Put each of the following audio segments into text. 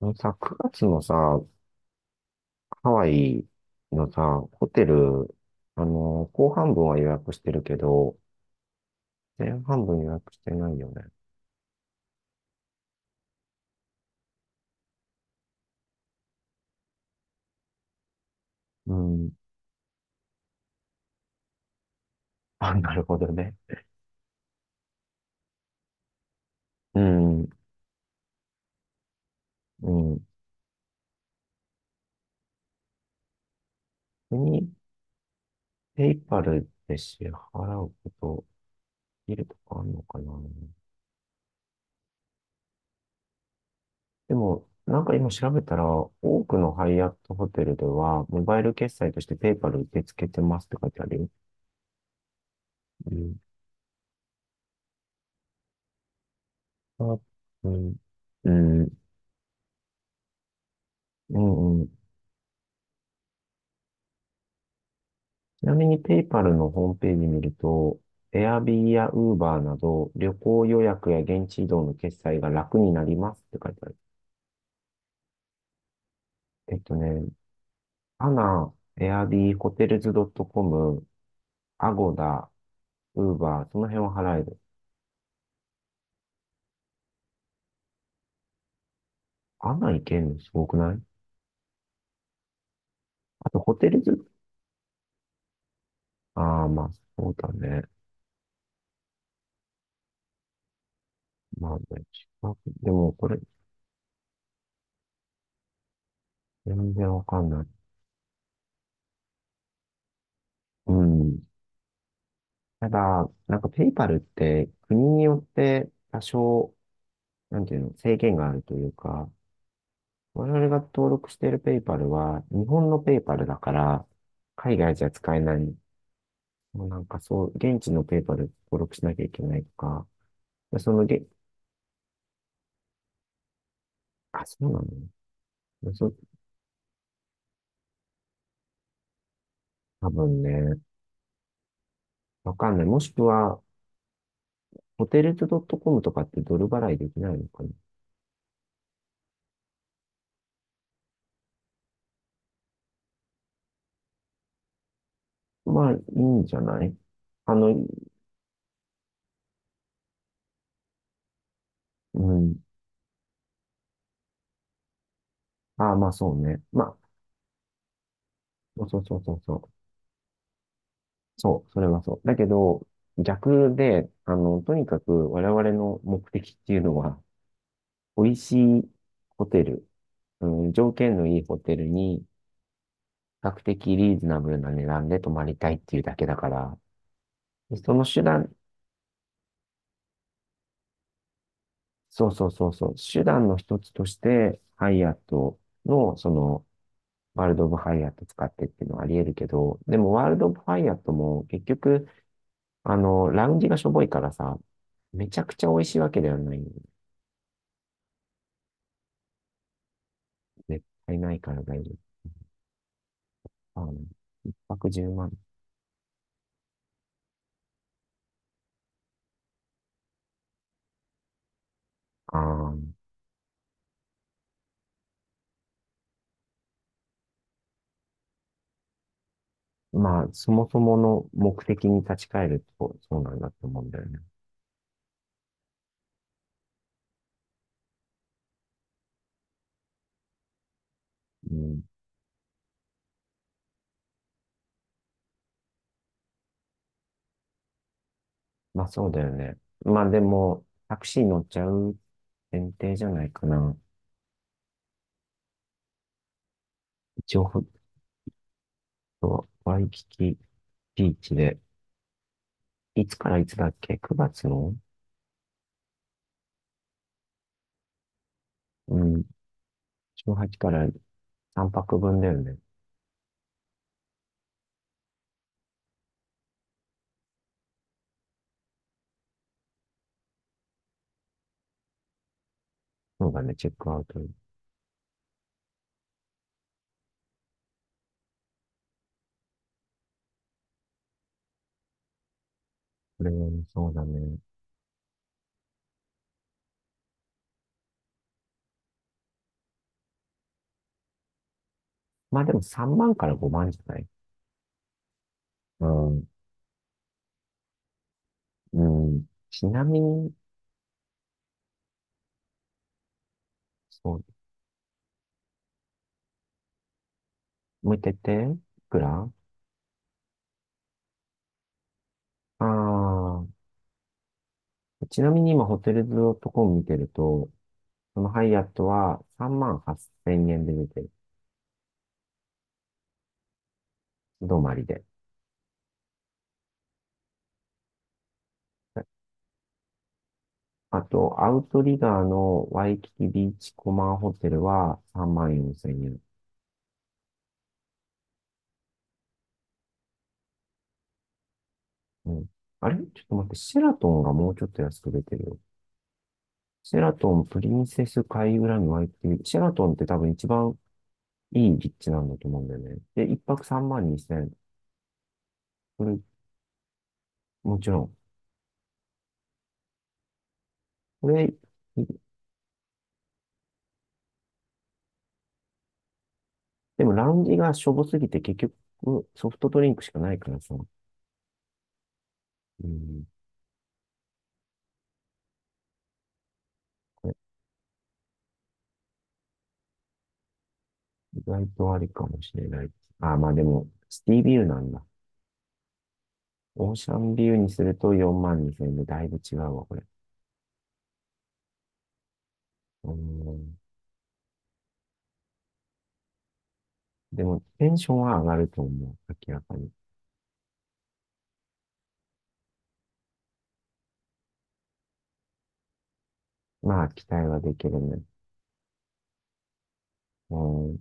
あのさ、9月のさ、ハワイのさ、ホテル、後半分は予約してるけど、前半分予約してないよね。うん。あ、なるほどね。うん、うん。国、ペイパルで支払うこと、いるとかあるのかな。でも、なんか今調べたら、多くのハイアットホテルでは、モバイル決済としてペイパル受け付けてますって書いてあるよ。うん。あ、うん。うん。うんうん。ちなみにペイパルのホームページ見ると、Airbnb や Uber など旅行予約や現地移動の決済が楽になりますって書いてある。えっとね、アナ、Airb、Hotels.com、Agoda、Uber、その辺は払える。アナ行けるのすごくない？あと、ホテルズ、ああ、まあ、そうだね。まあね、近くでもこれ、全然わかんない。うん。ただ、なんかペイパルって国によって多少なんていうの、制限があるというか、我々が登録しているペイパルは、日本のペイパルだから、海外じゃ使えない。もうなんかそう、現地のペイパル登録しなきゃいけないとか、そのげ、あ、そうなの多分ね、わかんない。もしくは、ホテルズドットコムとかってドル払いできないのかな？まあ、いいんじゃない？あの、うん。ああ、まあそうね。まあ、そうそうそうそうそう。そう、それはそう。だけど、逆で、とにかく我々の目的っていうのは、美味しいホテル、うん、条件のいいホテルに、比較的リーズナブルな値段で泊まりたいっていうだけだから、その手段、そうそうそうそう、手段の一つとして、ハイアットの、その、ワールド・オブ・ハイアット使ってっていうのはあり得るけど、でもワールド・オブ・ハイアットも結局、ラウンジがしょぼいからさ、めちゃくちゃ美味しいわけではない。絶対ないから大丈夫。一泊10万。ああ、まあ、そもそもの目的に立ち返ると、そうなんだと思うんだよね。うん。まあ、そうだよね。まあ、でも、タクシー乗っちゃう前提じゃないかな。一応、ほんとワイキキビーチで、いつからいつだっけ ?9 月の。うん。18から3泊分だよね。そうだね、チェックアウト。これはねそうだね。まあでも3万から5万じゃない？うん。うん。ちなみにそう。もう一回言って。いくら？ああー、ちなみに今ホテルズドットコム見てると、そのハイアットは3万8000円で出てる。泊まりで。あと、アウトリガーのワイキキビーチコマンホテルは3万4000円。うん。あれちょっと待って、シェラトンがもうちょっと安く出てるよ。シェラトン、プリンセス海浦にワイキキビーチ。シェラトンって多分一番いい立地なんだと思うんだよね。で、一泊3万2000。これ、もちろん。これ、一でもラウンジがしょぼすぎて結局ソフトドリンクしかないからさ。うん。これ意外とありかもしれない。あ、まあでも、シティビューなんだ。オーシャンビューにすると4万2000円でだいぶ違うわ、これ。うん。でも、テンションは上がると思う。明らかに。まあ、期待はできるね。うん。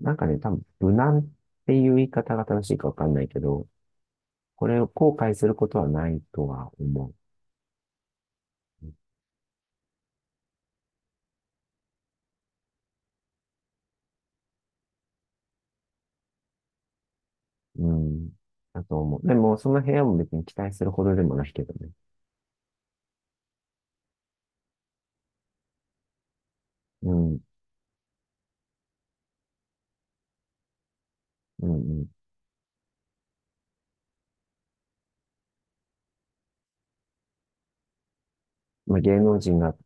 なんかね、多分、無難っていう言い方が正しいかわかんないけど、これを後悔することはないとは思う。うん。だと思う。でも、その部屋も別に期待するほどでもないけどね。うん。うん、うん。まあ、芸能人が、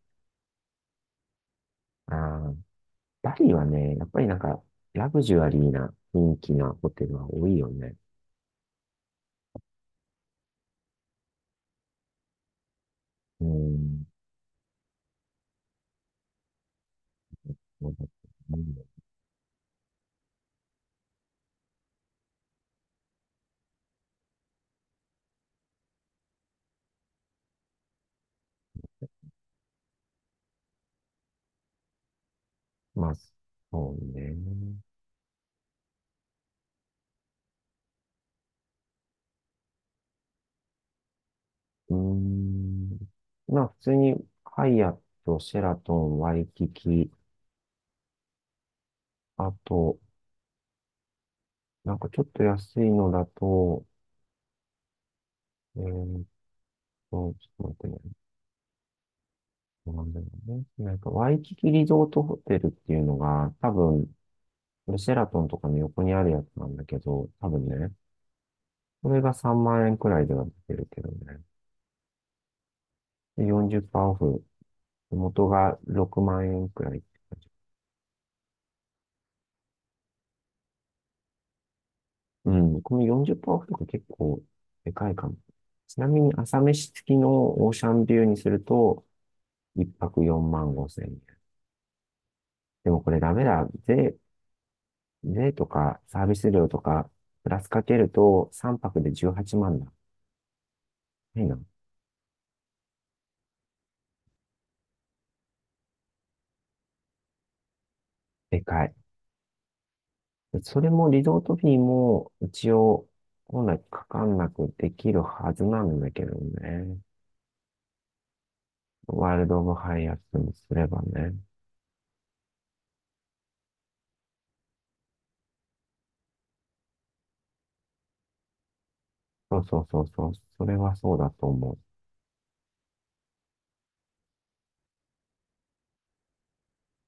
ああ、バリはね、やっぱりなんか、ラグジュアリーな雰囲気なホテルは多いよね。うん。そうだと思う。まあ、そうね。うーん。まあ、普通に、ハイアット、シェラトン、ワイキキ、あと、なんかちょっと安いのだと、えーっちょっと待って。そうなんだよね。なんか、ワイキキリゾートホテルっていうのが、多分、シェラトンとかの横にあるやつなんだけど、多分ね、これが3万円くらいでは出てるけどね。で、40%オフ。元が6万円くらいって感じ。うん、この40%オフとか結構でかいかも。ちなみに朝飯付きのオーシャンビューにすると、1泊4万5千円。でもこれダメだ。税、税とかサービス料とか、プラスかけると3泊で18万だ。いいな。でかい。それもリゾートフィーも一応本来かかんなくできるはずなんだけどね。ワールド・オブ・ハイアットにすればね。そうそうそうそう。それはそうだと思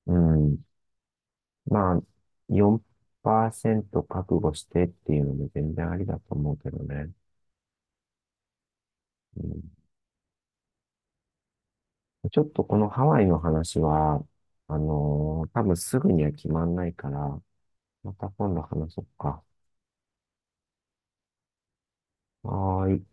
う。うん。まあ、4%覚悟してっていうのも全然ありだと思うけどね。うん、ちょっとこのハワイの話は、多分すぐには決まんないから、また今度話そうか。はーい。